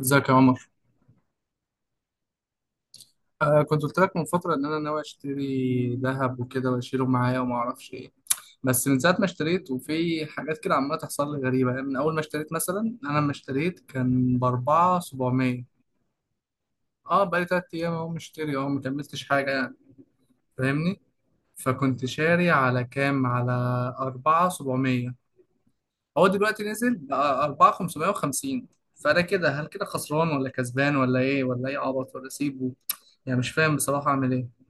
ازيك يا عمر. آه، كنت قلت لك من فترة إن أنا ناوي أشتري ذهب وكده وأشيله معايا وما أعرفش إيه، بس من ساعة ما اشتريت وفي حاجات كده عمالة تحصل لي غريبة. يعني من أول ما اشتريت، مثلا أنا لما اشتريت كان بأربعة سبعمية. أه، بقالي تلات أيام أهو مشتري، أهو مكملتش حاجة يعني. فاهمني؟ فكنت شاري على كام، على 4700. هو دلوقتي نزل بقى 4550. فأنا كده، هل كده خسران ولا كسبان ولا إيه، ولا إيه عبط ولا أسيبه؟ يعني مش فاهم بصراحة أعمل إيه.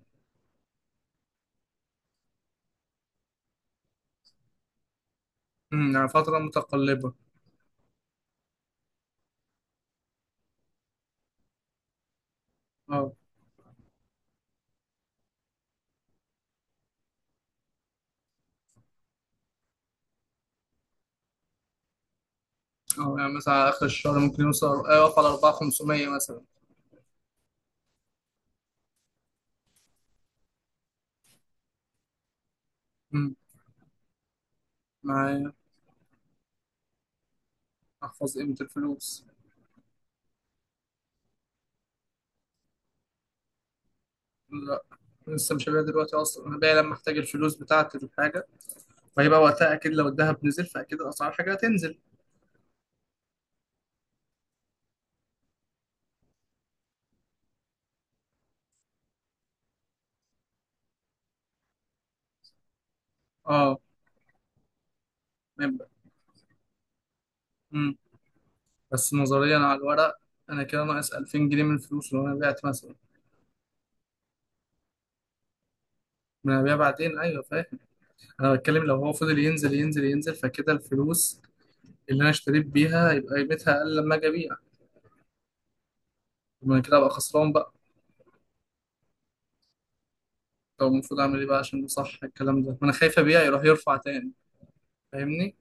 يعني فترة متقلبة. اه، اه. يعني مثلا على آخر الشهر ممكن يوصل يقف على 4500 مثلا. امم معايا، أحفظ قيمة الفلوس. لا، لسه مش هبيع دلوقتي. أصلا أنا بايع لما أحتاج الفلوس بتاعتي للحاجة، فهيبقى وقتها أكيد لو الذهب نزل فأكيد أسعار الحاجة هتنزل. اه، يبقى، امم بس نظريا على الورق أنا كده ناقص 2000 جنيه من الفلوس لو أنا بعت مثلا. ما أنا هبيع بعدين، أيوه فاهم. أنا بتكلم لو هو فضل ينزل ينزل ينزل فكده الفلوس اللي أنا اشتريت بيها يبقى قيمتها أقل لما أجي أبيع. وأنا كده أبقى خسران بقى. طب المفروض أعمل إيه بقى عشان صح الكلام ده؟ ما أنا خايف أبيع يروح يرفع تاني. فاهمني؟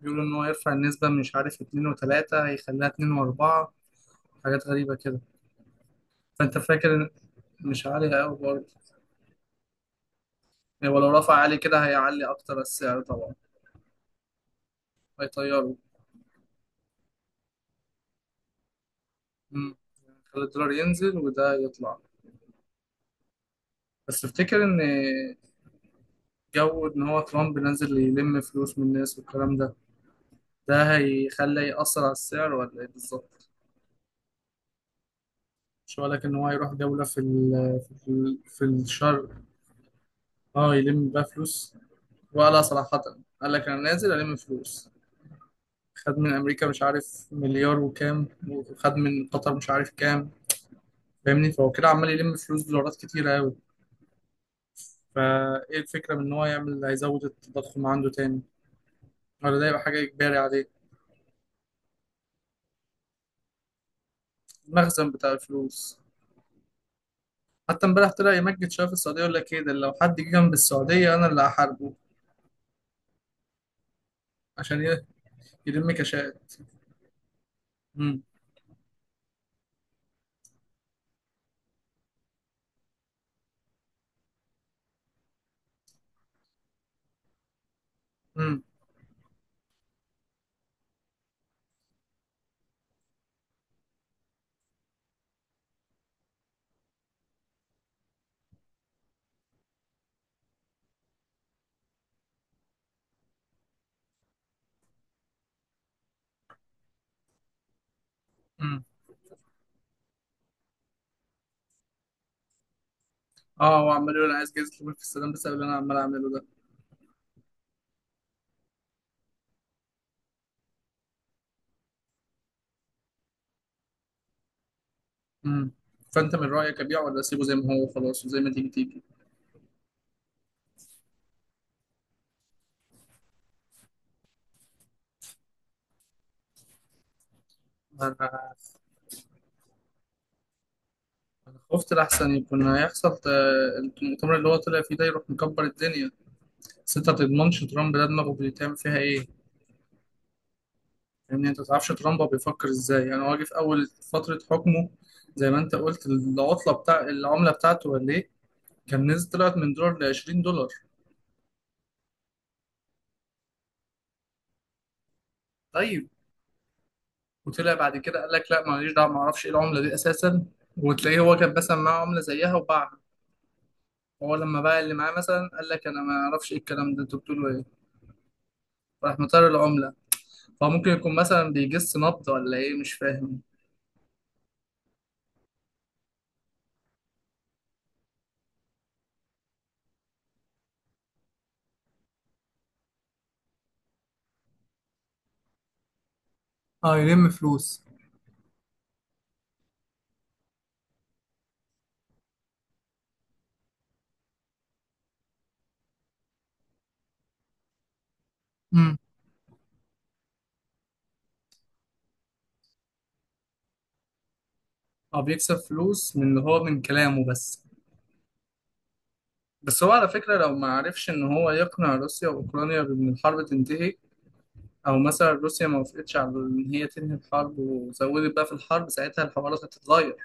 بيقولوا إن هو يرفع النسبة من مش عارف 2.3 هيخليها 2.4. حاجات غريبة كده. فأنت فاكر إن- مش عالي أوي برضه. يعني ولو رفع عالي كده هيعلي أكتر السعر طبعا، هيطيره. مم. خلي الدولار ينزل وده يطلع. بس تفتكر إن جو إن هو ترامب نازل يلم فلوس من الناس والكلام ده، ده هيخلي يأثر على السعر ولا إيه بالظبط؟ مش هقول لك ان هو يروح دولة في ال، في الشرق. اه، يلم بقى فلوس، وقالها صراحة. قال لك انا نازل الم فلوس. خد من امريكا مش عارف مليار وكام، وخد من قطر مش عارف كام. فاهمني؟ فهو كده عمال يلم فلوس دولارات كتيرة قوي. فايه الفكرة من ان هو يعمل، هيزود التضخم عنده تاني، ولا ده يبقى حاجة اجباري عليه؟ المخزن بتاع الفلوس. حتى امبارح طلع يمجد شوية في السعودية، يقول لك ايه ده لو حد جه جنب السعودية انا اللي هحاربه. عشان ي- يلم كاشات. امم امم اه، هو عمال يقول انا عايز جايزه نوبل في السلام بسبب اللي انا عمال اعمله ده. امم فانت من رايك ابيعه ولا اسيبه زي ما هو خلاص وزي ما تيجي تيجي؟ انا انا خفت الاحسن يكون هيحصل، المؤتمر اللي هو طلع فيه ده يروح مكبر الدنيا. بس انت ما تضمنش ترامب، ده دماغه بيتعمل فيها ايه. لان انت ما تعرفش ترامب هو بيفكر ازاي. يعني هو جه في اول فتره حكمه، زي ما انت قلت، العطله بتاع العمله بتاعته ولا ايه، كان نزل. طلعت من دولار ل 20 دولار. طيب، وطلع بعد كده قال لك لا ماليش دعوه، ما اعرفش ايه العمله دي اساسا. وتلاقيه هو كان مثلا معاه عمله زيها وباعها. هو لما باع اللي معاه مثلا قال لك انا ما اعرفش ايه الكلام ده، انتوا بتقولوا ايه؟ راح مطير العمله. فهو ممكن يكون مثلا بيجس نبض ولا ايه، مش فاهم. اه، يلم فلوس. امم او بيكسب فلوس من اللي هو من كلامه بس. بس هو على فكره، لو ما عرفش ان هو يقنع روسيا واوكرانيا بان الحرب تنتهي، او مثلا روسيا ما وافقتش على ان هي تنهي الحرب وزودت بقى في الحرب، ساعتها الحوارات هتتغير.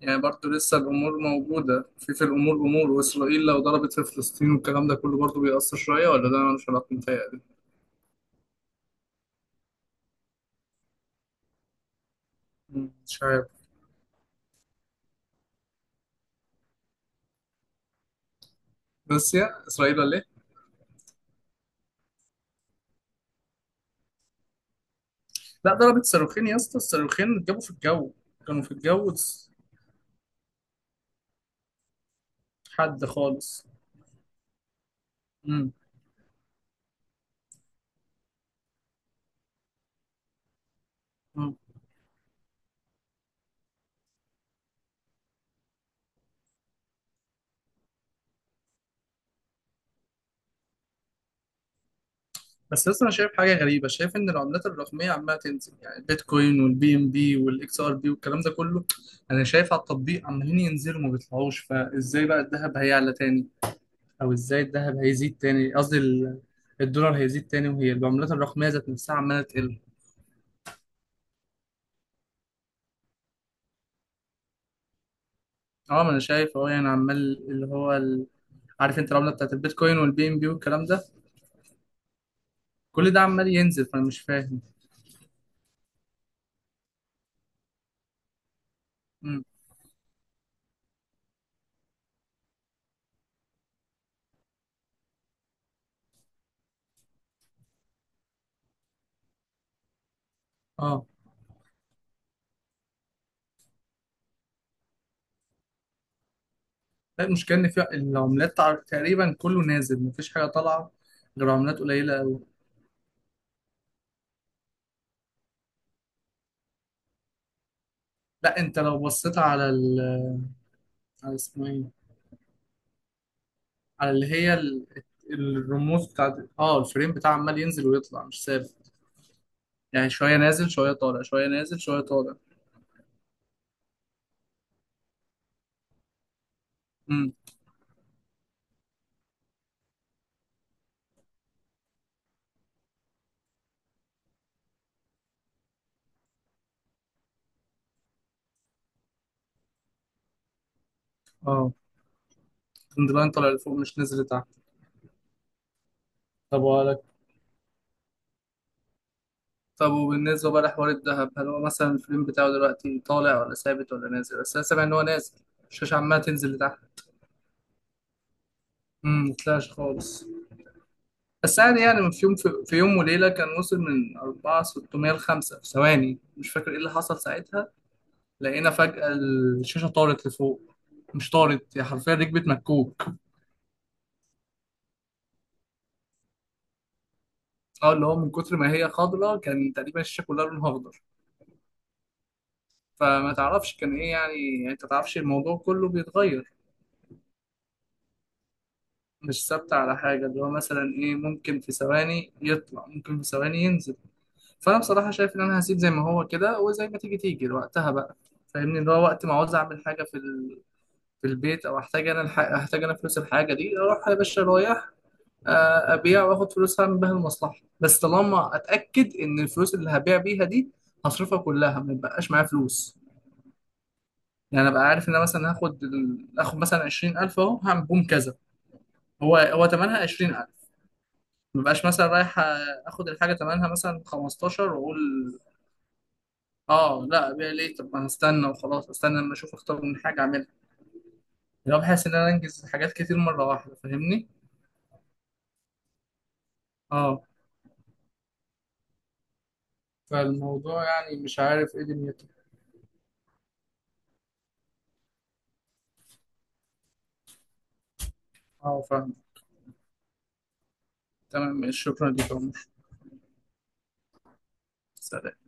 يعني برضو لسه الأمور موجودة، في الأمور أمور، وإسرائيل لو ضربت في فلسطين والكلام ده كله برضو بيأثر شوية، ولا ده ملوش علاقة متهيألي؟ مم، مش عارف. بس يا إسرائيل ولا إيه؟ لا، ضربت صاروخين يا اسطى، الصاروخين اتجابوا في الجو، كانوا في الجو، حد خالص. مم. مم. بس لسه أنا شايف حاجة غريبة، شايف إن العملات الرقمية عمالة تنزل. يعني البيتكوين والبي إم بي والإكس آر بي والكلام ده كله، أنا شايف على التطبيق عمالين ينزلوا، ما بيطلعوش. فإزاي بقى الذهب هيعلى تاني؟ او ازاي الذهب هيزيد تاني، قصدي ال، الدولار هيزيد تاني وهي العملات الرقميه ذات نفسها عماله تقل؟ اه، ما انا شايف، اه يعني عمال اللي هو ال، عارف انت العمله بتاعت البيتكوين والبي ام بي والكلام ده، كل ده عمال ينزل، فانا مش فاهم. امم اه لا، المشكله ان في العملات تقريبا كله نازل، مفيش حاجه طالعه غير عملات قليله قوي. لا، انت لو بصيت على ال، على اسمه ايه، على اللي هي ال، الرموز بتاعت اه الفريم بتاع، عمال ينزل ويطلع مش ثابت. يعني شوية نازل شوية طالع، شوية نازل شوية طالع. امم اه، اللاين طالع لفوق مش نازل لتحت. طب وقالك، طب وبالنسبة بقى لحوار الذهب، هل هو مثلا الفريم بتاعه دلوقتي طالع ولا ثابت ولا نازل؟ بس انا سامع ان هو نازل، الشاشة عمالة تنزل لتحت. مطلعش خالص. بس يعني، يعني في يوم، في يوم وليلة كان وصل من 4 600 ل 5 في ثواني، مش فاكر ايه اللي حصل ساعتها. لقينا فجأة الشاشة طارت لفوق. مش طارت، هي حرفيا ركبت مكوك. اه، اللي هو من كتر ما هي خضرا كان تقريبا الشاشة كلها لونها اخضر. فما تعرفش كان ايه يعني. يعني انت تعرفش الموضوع كله بيتغير، مش ثابت على حاجة. اللي هو مثلا ايه، ممكن في ثواني يطلع ممكن في ثواني ينزل. فانا بصراحة شايف ان انا هسيب زي ما هو كده وزي ما تيجي تيجي وقتها بقى. فاهمني؟ اللي هو وقت ما عاوز اعمل حاجة في ال، في البيت، او احتاج انا احتاج انا فلوس الحاجة دي، اروح يا باشا رايح، آه، ابيع واخد فلوس اعمل بيها المصلحة. بس طالما اتاكد ان الفلوس اللي هبيع بيها دي هصرفها كلها، ما يبقاش معايا فلوس. يعني انا بقى عارف ان انا مثلا هاخد هاخد مثلا 20,000 اهو، هعمل بوم كذا، هو ثمنها 20,000. ما بقاش مثلا رايح اخد الحاجه ثمنها مثلا 15 واقول اه لا، ابيع ليه؟ طب ما انا استنى وخلاص، استنى لما اشوف اختار من حاجه اعملها. يعني بحس ان انا انجز حاجات كتير مره واحده. فاهمني؟ اه. فالموضوع يعني مش عارف ايه دنيته. اه فاهم. تمام، شكرا لك يا عمر. سلام.